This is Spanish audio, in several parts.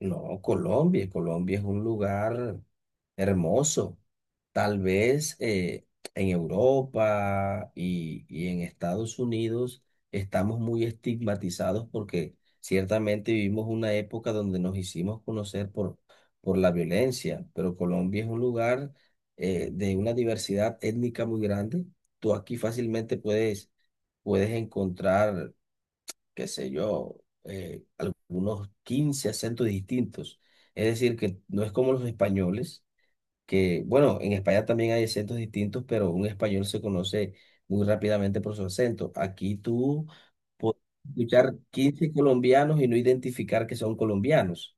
No, Colombia es un lugar hermoso. Tal vez en Europa y en Estados Unidos estamos muy estigmatizados porque ciertamente vivimos una época donde nos hicimos conocer por la violencia, pero Colombia es un lugar de una diversidad étnica muy grande. Tú aquí fácilmente puedes encontrar, qué sé yo, algunos 15 acentos distintos. Es decir, que no es como los españoles, que, bueno, en España también hay acentos distintos, pero un español se conoce muy rápidamente por su acento. Aquí tú puedes escuchar 15 colombianos y no identificar que son colombianos.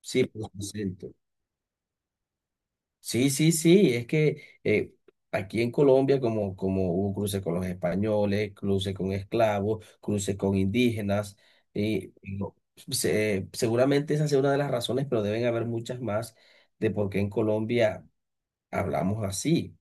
Sí, por su acento. Sí, sí, sí, es que aquí en Colombia, como hubo cruces con los españoles, cruces con esclavos, cruces con indígenas, y no- seguramente esa es una de las razones, pero deben haber muchas más de por qué en Colombia hablamos así.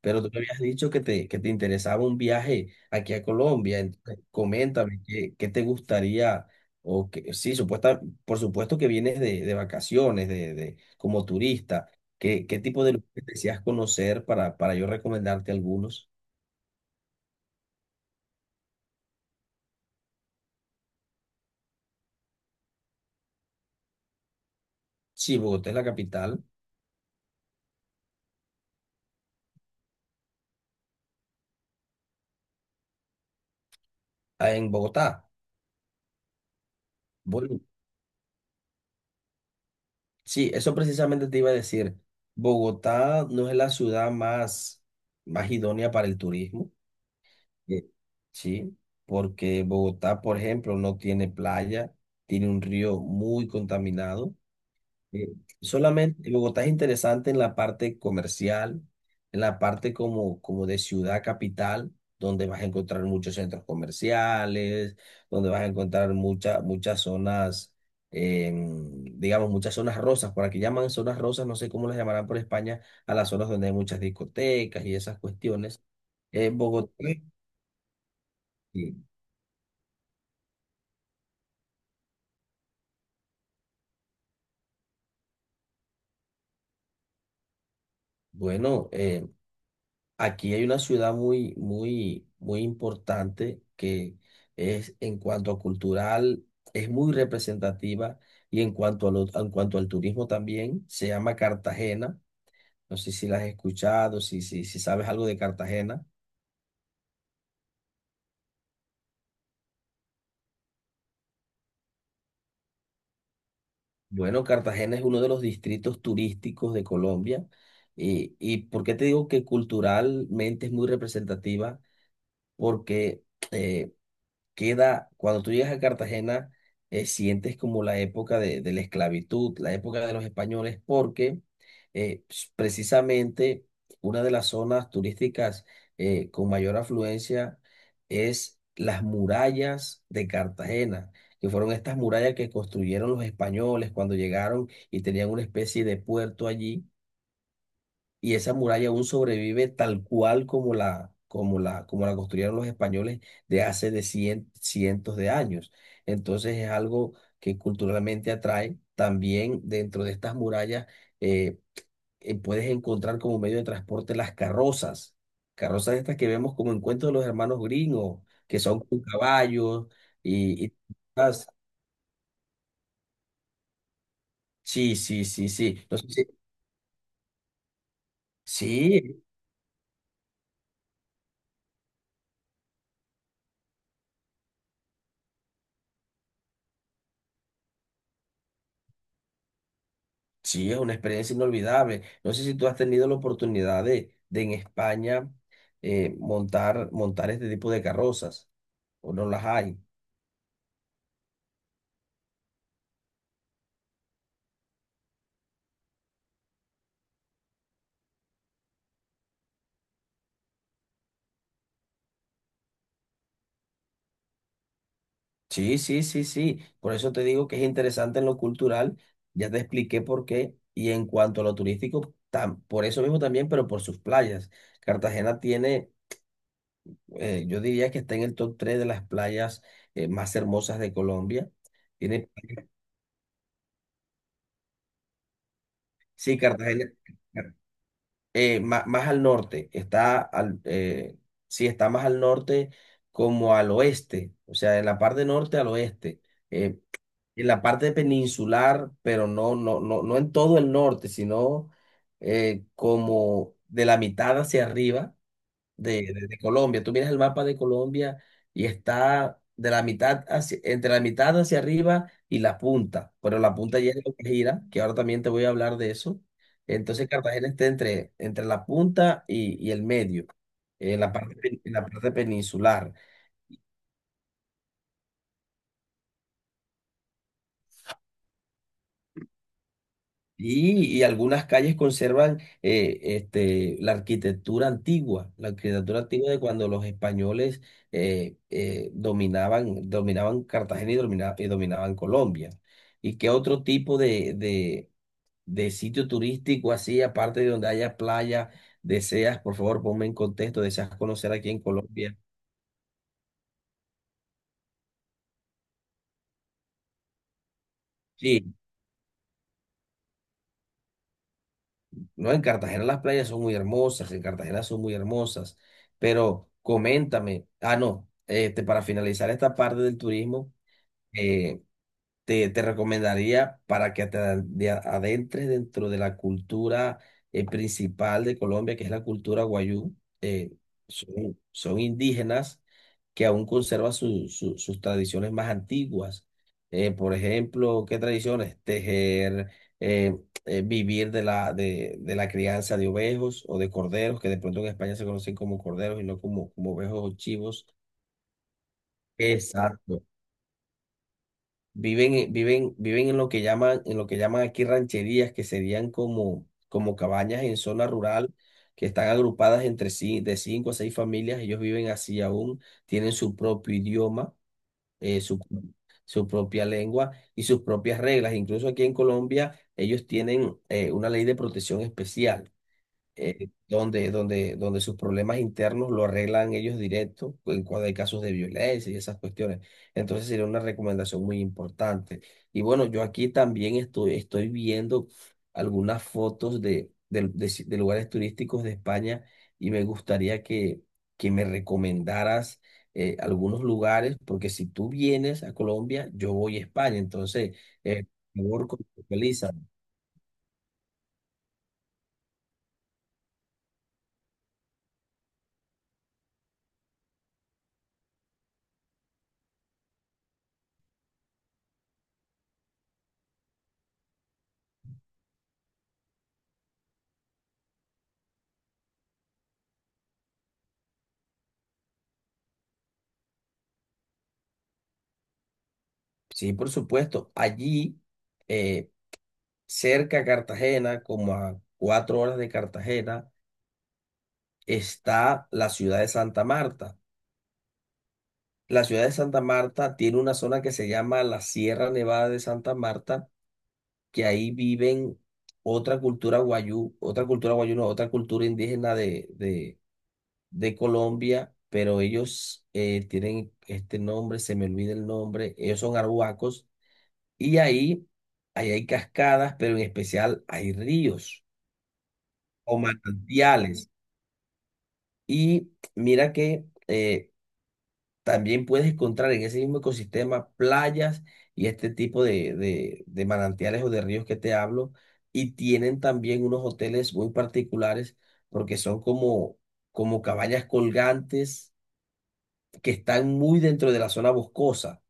Pero tú me habías dicho que te interesaba un viaje aquí a Colombia. Entonces, coméntame qué te gustaría, o que sí, supuesta, por supuesto que vienes de vacaciones, como turista. ¿Qué, qué tipo de lugares deseas conocer para yo recomendarte algunos? Sí, Bogotá es la capital. Ah, en Bogotá. Bueno, sí, eso precisamente te iba a decir. Bogotá no es la ciudad más idónea para el turismo. Eh, Sí, porque Bogotá, por ejemplo, no tiene playa, tiene un río muy contaminado. Eh, solamente Bogotá es interesante en la parte comercial, en la parte como de ciudad capital, donde vas a encontrar muchos centros comerciales, donde vas a encontrar muchas zonas, digamos, muchas zonas rosas. Por aquí llaman zonas rosas, no sé cómo las llamarán por España, a las zonas donde hay muchas discotecas y esas cuestiones. Bogotá. Sí. Bueno, aquí hay una ciudad muy, muy, muy importante que es, en cuanto a cultural, es muy representativa, y en cuanto en cuanto al turismo también, se llama Cartagena. No sé si la has escuchado, si sabes algo de Cartagena. Bueno, Cartagena es uno de los distritos turísticos de Colombia. Y, y, ¿por qué te digo que culturalmente es muy representativa? Porque eh, queda, cuando tú llegas a Cartagena, sientes como la época de la esclavitud, la época de los españoles. Porque precisamente una de las zonas turísticas con mayor afluencia es las murallas de Cartagena, que fueron estas murallas que construyeron los españoles cuando llegaron y tenían una especie de puerto allí, y esa muralla aún sobrevive tal cual como la construyeron los españoles de hace de cientos de años. Entonces es algo que culturalmente atrae. También dentro de estas murallas eh, puedes encontrar como medio de transporte las carrozas, carrozas estas que vemos como en cuentos de los hermanos gringos, que son con caballos y, y- ah, sí, sí, sí, sí. No sé si- Sí, sí, es una experiencia inolvidable. No sé si tú has tenido la oportunidad de en España montar este tipo de carrozas o no las hay. Sí, sí, sí, sí. Por eso te digo que es interesante en lo cultural. Ya te expliqué por qué. Y en cuanto a lo turístico, por eso mismo también, pero por sus playas. Cartagena tiene, yo diría que está en el top 3 de las playas más hermosas de Colombia. Tiene, sí, Cartagena más al norte, sí, está más al norte, como al oeste, o sea, en la parte norte al oeste, eh, en la parte peninsular, pero no, no, no, no en todo el norte, sino como de la mitad hacia arriba, de Colombia. Tú miras el mapa de Colombia y está de la mitad hacia, entre la mitad hacia arriba y la punta, pero la punta ya es lo que gira, que ahora también te voy a hablar de eso. Entonces Cartagena está entre la punta y el medio, en la parte, en la parte peninsular. Y algunas calles conservan, la arquitectura antigua de cuando los españoles dominaban Cartagena y dominaban Colombia. ¿Y qué otro tipo de sitio turístico así, aparte de donde haya playa, deseas, por favor, ponme en contexto, deseas conocer aquí en Colombia? Sí. No, en Cartagena las playas son muy hermosas, en Cartagena son muy hermosas, pero coméntame. Ah, no, este, para finalizar esta parte del turismo, eh, te recomendaría para que te adentres dentro de la cultura principal de Colombia, que es la cultura wayú. Eh, son, son indígenas que aún conservan sus tradiciones más antiguas. Por ejemplo, ¿qué tradiciones? Tejer, eh, vivir de la crianza de ovejos o de corderos, que de pronto en España se conocen como corderos y no como, como ovejos o chivos. Exacto. Viven, viven en lo que llaman, en lo que llaman aquí rancherías, que serían como, como cabañas en zona rural, que están agrupadas entre sí, de cinco a seis familias. Ellos viven así aún, tienen su propio idioma, eh, su, su propia lengua y sus propias reglas. Incluso aquí en Colombia, ellos tienen una ley de protección especial donde, donde sus problemas internos lo arreglan ellos directo en cuando hay casos de violencia y esas cuestiones. Entonces sería una recomendación muy importante. Y bueno, yo aquí también estoy viendo algunas fotos de si- de lugares turísticos de España, y me gustaría que me recomendaras algunos lugares, porque si tú vienes a Colombia, yo voy a España. Entonces, eh, por favor, contextualízame. Sí, por supuesto. Allí eh, cerca a Cartagena, como a 4 horas de Cartagena, está la ciudad de Santa Marta. La ciudad de Santa Marta tiene una zona que se llama la Sierra Nevada de Santa Marta, que ahí viven otra cultura guayú, no, otra cultura indígena de Colombia, pero ellos tienen este nombre, se me olvida el nombre, ellos son arhuacos, y ahí, ahí hay cascadas, pero en especial hay ríos o manantiales. Y mira que también puedes encontrar en ese mismo ecosistema playas y este tipo de manantiales o de ríos que te hablo. Y tienen también unos hoteles muy particulares, porque son como, como cabañas colgantes que están muy dentro de la zona boscosa.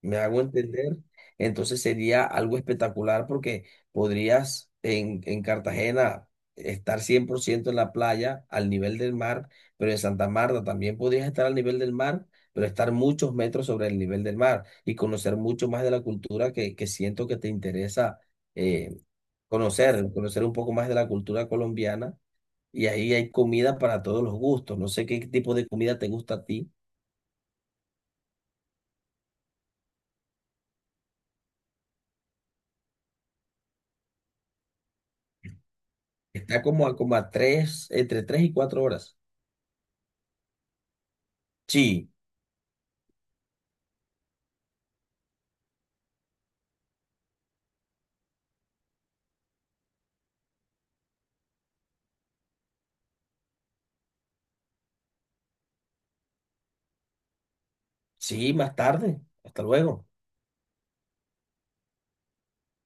¿Me hago entender? Entonces sería algo espectacular porque podrías en Cartagena estar 100% en la playa al nivel del mar, pero en Santa Marta también podrías estar al nivel del mar, pero estar muchos metros sobre el nivel del mar, y conocer mucho más de la cultura que siento que te interesa eh, conocer un poco más de la cultura colombiana. Y ahí hay comida para todos los gustos. No sé qué tipo de comida te gusta a ti. Está como a tres, entre 3 y 4 horas. Sí, sí, más tarde. Hasta luego.